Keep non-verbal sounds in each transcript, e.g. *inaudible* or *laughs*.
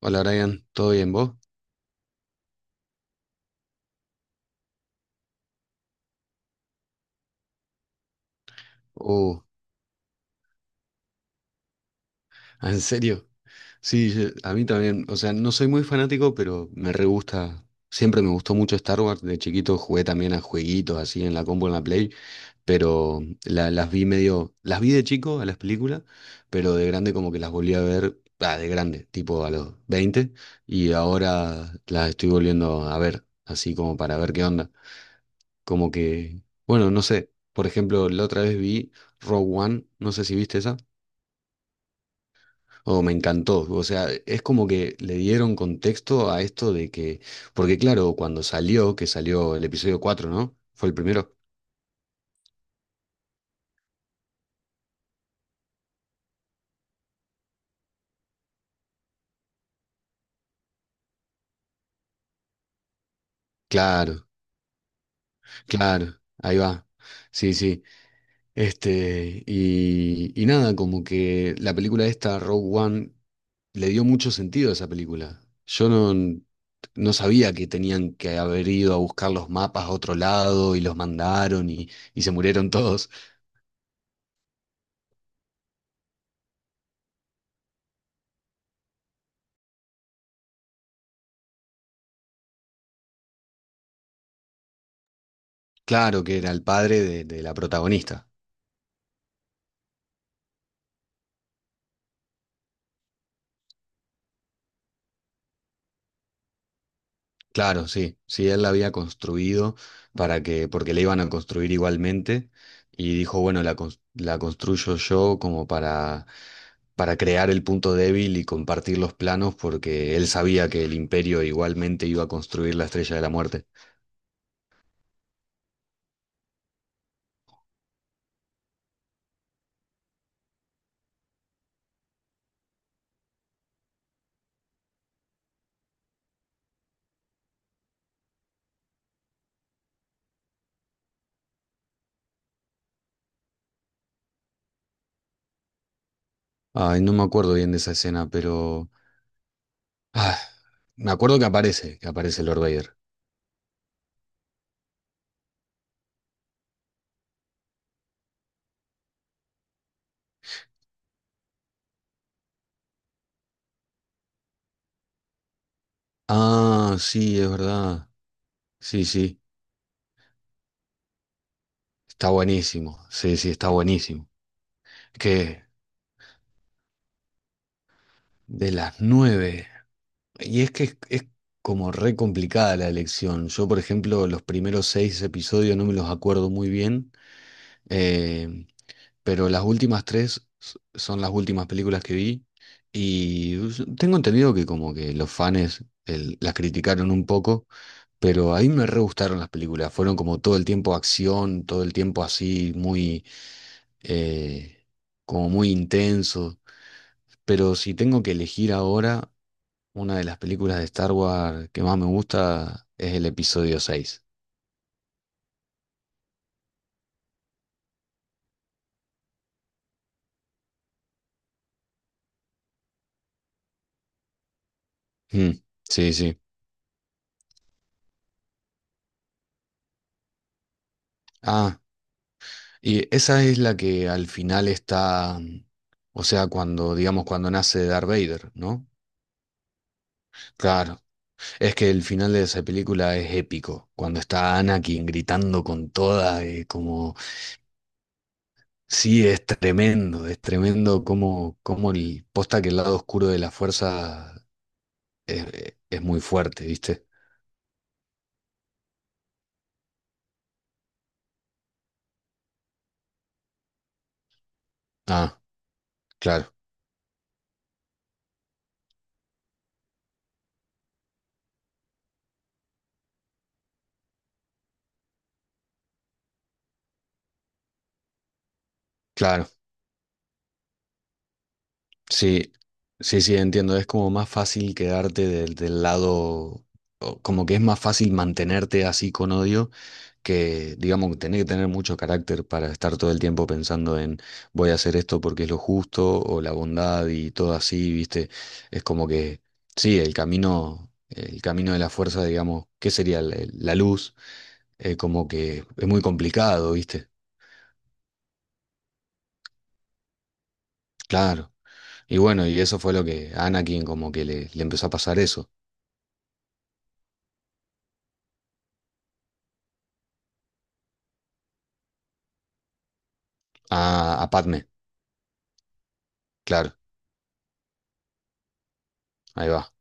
Hola Brian, ¿todo bien vos? Oh, *laughs* ¿en serio? Sí, a mí también, o sea, no soy muy fanático, pero me re gusta, siempre me gustó mucho Star Wars, de chiquito jugué también a jueguitos así en la combo, en la Play, pero las vi medio, las vi de chico a las películas, pero de grande como que las volví a ver, ah, de grande, tipo a los 20, y ahora las estoy volviendo a ver, así como para ver qué onda, como que, bueno, no sé, por ejemplo, la otra vez vi Rogue One, no sé si viste esa. O me encantó. O sea, es como que le dieron contexto a esto de que, porque claro, cuando salió, que salió el episodio cuatro, ¿no? ¿Fue el primero? Claro, claro, ahí va. Sí, sí. Y nada, como que la película esta, Rogue One, le dio mucho sentido a esa película. Yo no, no sabía que tenían que haber ido a buscar los mapas a otro lado y los mandaron y se murieron todos. Claro que era el padre de la protagonista. Claro, sí, sí, él la había construido para que, porque la iban a construir igualmente, y dijo, bueno, la construyo yo como para, crear el punto débil y compartir los planos, porque él sabía que el imperio igualmente iba a construir la Estrella de la Muerte. Ay, no me acuerdo bien de esa escena, pero... Ah, me acuerdo que aparece Lord Vader. Ah, sí, es verdad. Sí, sí, está buenísimo. Sí, sí, está buenísimo. Que de las nueve. Y es que es como re complicada la elección. Yo, por ejemplo, los primeros seis episodios no me los acuerdo muy bien, eh, pero las últimas tres son las últimas películas que vi y tengo entendido que como que los fans las criticaron un poco, pero a mí me re gustaron las películas. Fueron como todo el tiempo acción, todo el tiempo así, muy, eh, como muy intenso. Pero si tengo que elegir ahora, una de las películas de Star Wars que más me gusta es el episodio seis. Mm, sí, sí. Ah, y esa es la que al final está, o sea, cuando, digamos, cuando nace Darth Vader, ¿no? Claro, es que el final de esa película es épico, cuando está Anakin gritando con toda, como, sí, es tremendo como, como el, posta que el lado oscuro de la fuerza es muy fuerte, ¿viste? Ah, claro. Claro, sí, sí, sí, entiendo. Es como más fácil quedarte del lado, o como que es más fácil mantenerte así con odio que, digamos, tener que tener mucho carácter para estar todo el tiempo pensando en voy a hacer esto porque es lo justo o la bondad y todo así, ¿viste? Es como que, sí, el camino de la fuerza, digamos, ¿qué sería la luz? Como que es muy complicado, ¿viste? Claro. Y bueno, y eso fue lo que a Anakin como que le empezó a pasar eso. Ah, a Padme, claro, ahí va.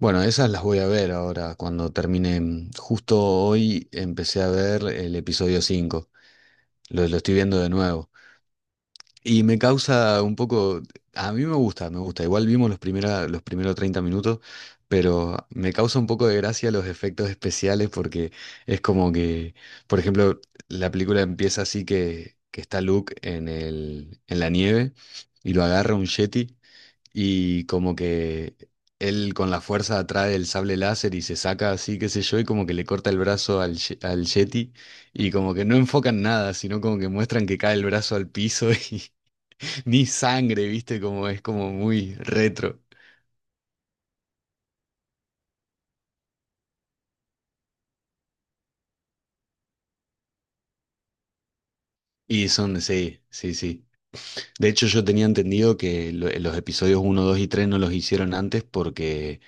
Bueno, esas las voy a ver ahora cuando termine. Justo hoy empecé a ver el episodio cinco, lo estoy viendo de nuevo. Y me causa un poco, a mí me gusta, me gusta. Igual vimos los primeros 30 minutos, pero me causa un poco de gracia los efectos especiales porque es como que, por ejemplo, la película empieza así que está Luke en la nieve y lo agarra un yeti. Y como que él con la fuerza atrae el sable láser y se saca así, qué sé yo, y como que le corta el brazo al Yeti. Y como que no enfocan nada, sino como que muestran que cae el brazo al piso *laughs* y ni sangre, ¿viste? Como es como muy retro. Y son, sí, sí, sí. De hecho, yo tenía entendido que los episodios uno 2 y 3 no los hicieron antes porque,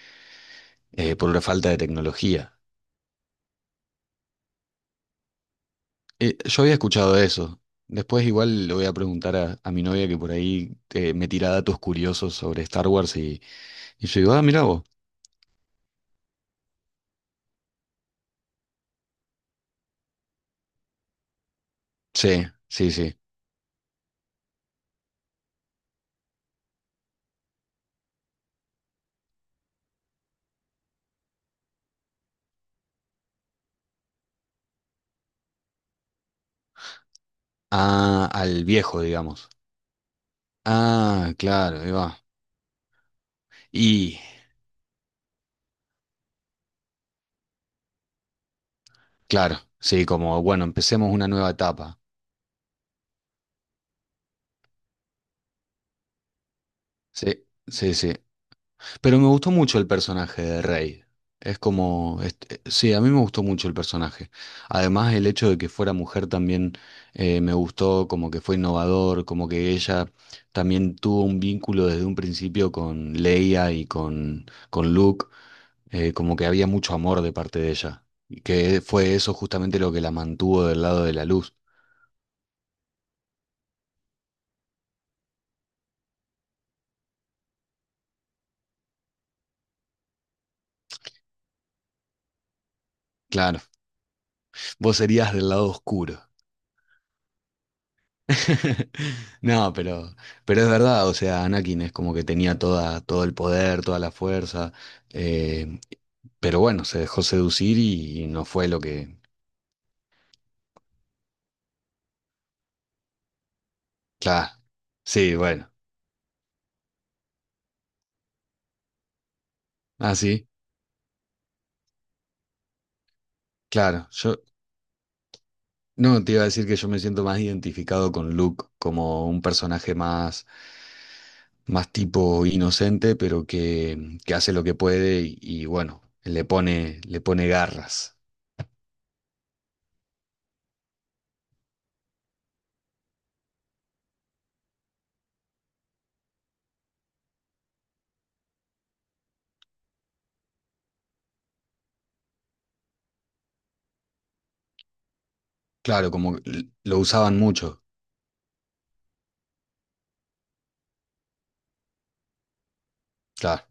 por una falta de tecnología. Yo había escuchado eso. Después igual le voy a preguntar a mi novia que por ahí me tira datos curiosos sobre Star Wars y yo digo, ah, mira vos. Sí, sí, sí. Ah, al viejo, digamos. Ah, claro, ahí va. Y claro, sí, como, bueno, empecemos una nueva etapa. Sí, sí, sí. Pero me gustó mucho el personaje de Rey. Es como, sí, a mí me gustó mucho el personaje. Además, el hecho de que fuera mujer también me gustó, como que fue innovador, como que ella también tuvo un vínculo desde un principio con Leia y con Luke, como que había mucho amor de parte de ella. Y que fue eso justamente lo que la mantuvo del lado de la luz. Claro, vos serías del lado oscuro. *laughs* No, pero es verdad, o sea, Anakin es como que tenía todo el poder, toda la fuerza, eh, pero bueno, se dejó seducir y no fue lo que... Claro, sí, bueno, ah, sí, claro, yo no te iba a decir que yo me siento más identificado con Luke como un personaje más tipo inocente, pero que hace lo que puede y bueno, le pone garras. Claro, como lo usaban mucho, claro.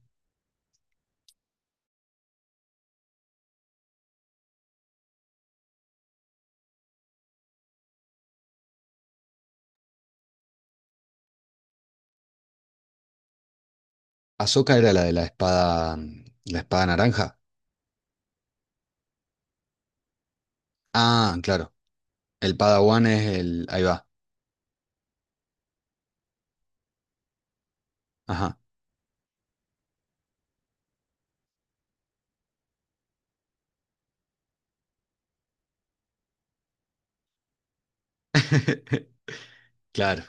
Ahsoka era la de la espada naranja. Ah, claro. El Padawan es el. Ahí va. Ajá. *laughs* Claro,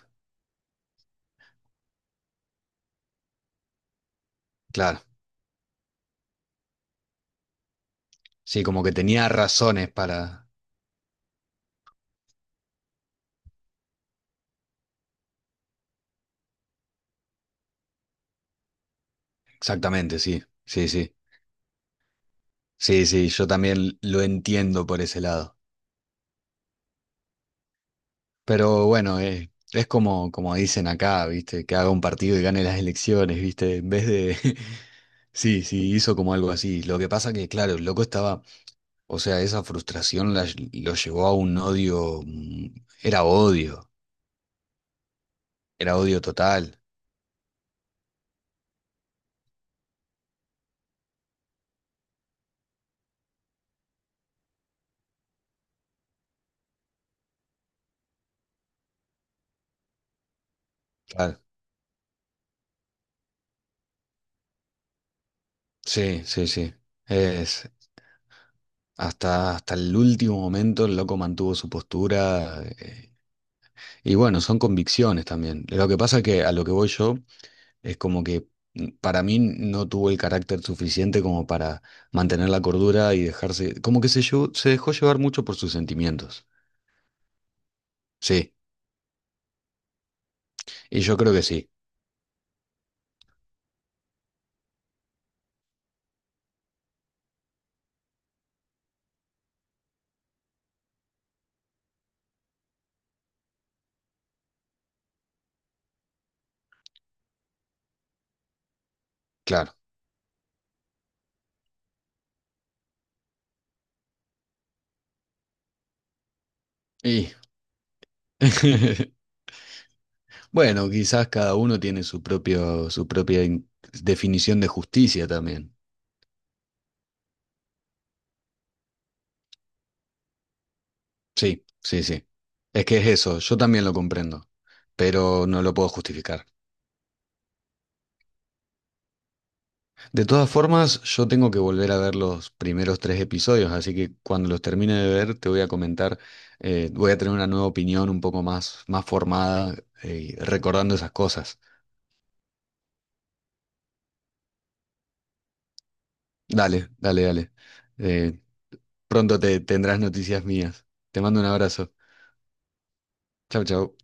claro. Sí, como que tenía razones para. Exactamente, sí. Sí, sí. Sí, sí, yo también lo entiendo por ese lado. Pero bueno, es como dicen acá, ¿viste? Que haga un partido y gane las elecciones, ¿viste? En vez de. *laughs* Sí, sí, hizo como algo así. Lo que pasa que, claro, el loco estaba. O sea, esa frustración lo llevó a un odio, era odio, era odio, total. Claro. Sí, sí, sí. Es, hasta el último momento el loco mantuvo su postura. Y bueno, son convicciones también. Lo que pasa es que a lo que voy yo es como que para mí no tuvo el carácter suficiente como para mantener la cordura y dejarse, como que se dejó llevar mucho por sus sentimientos. Sí, y yo creo que sí, claro. Y... *laughs* Bueno, quizás cada uno tiene su propia definición de justicia también. Sí, sí, sí. Es que es eso, yo también lo comprendo, pero no lo puedo justificar. De todas formas, yo tengo que volver a ver los primeros tres episodios, así que cuando los termine de ver te voy a comentar, voy a tener una nueva opinión un poco más formada, recordando esas cosas. Dale, dale, dale. Eh, pronto te tendrás noticias mías. Te mando un abrazo. Chau, chau.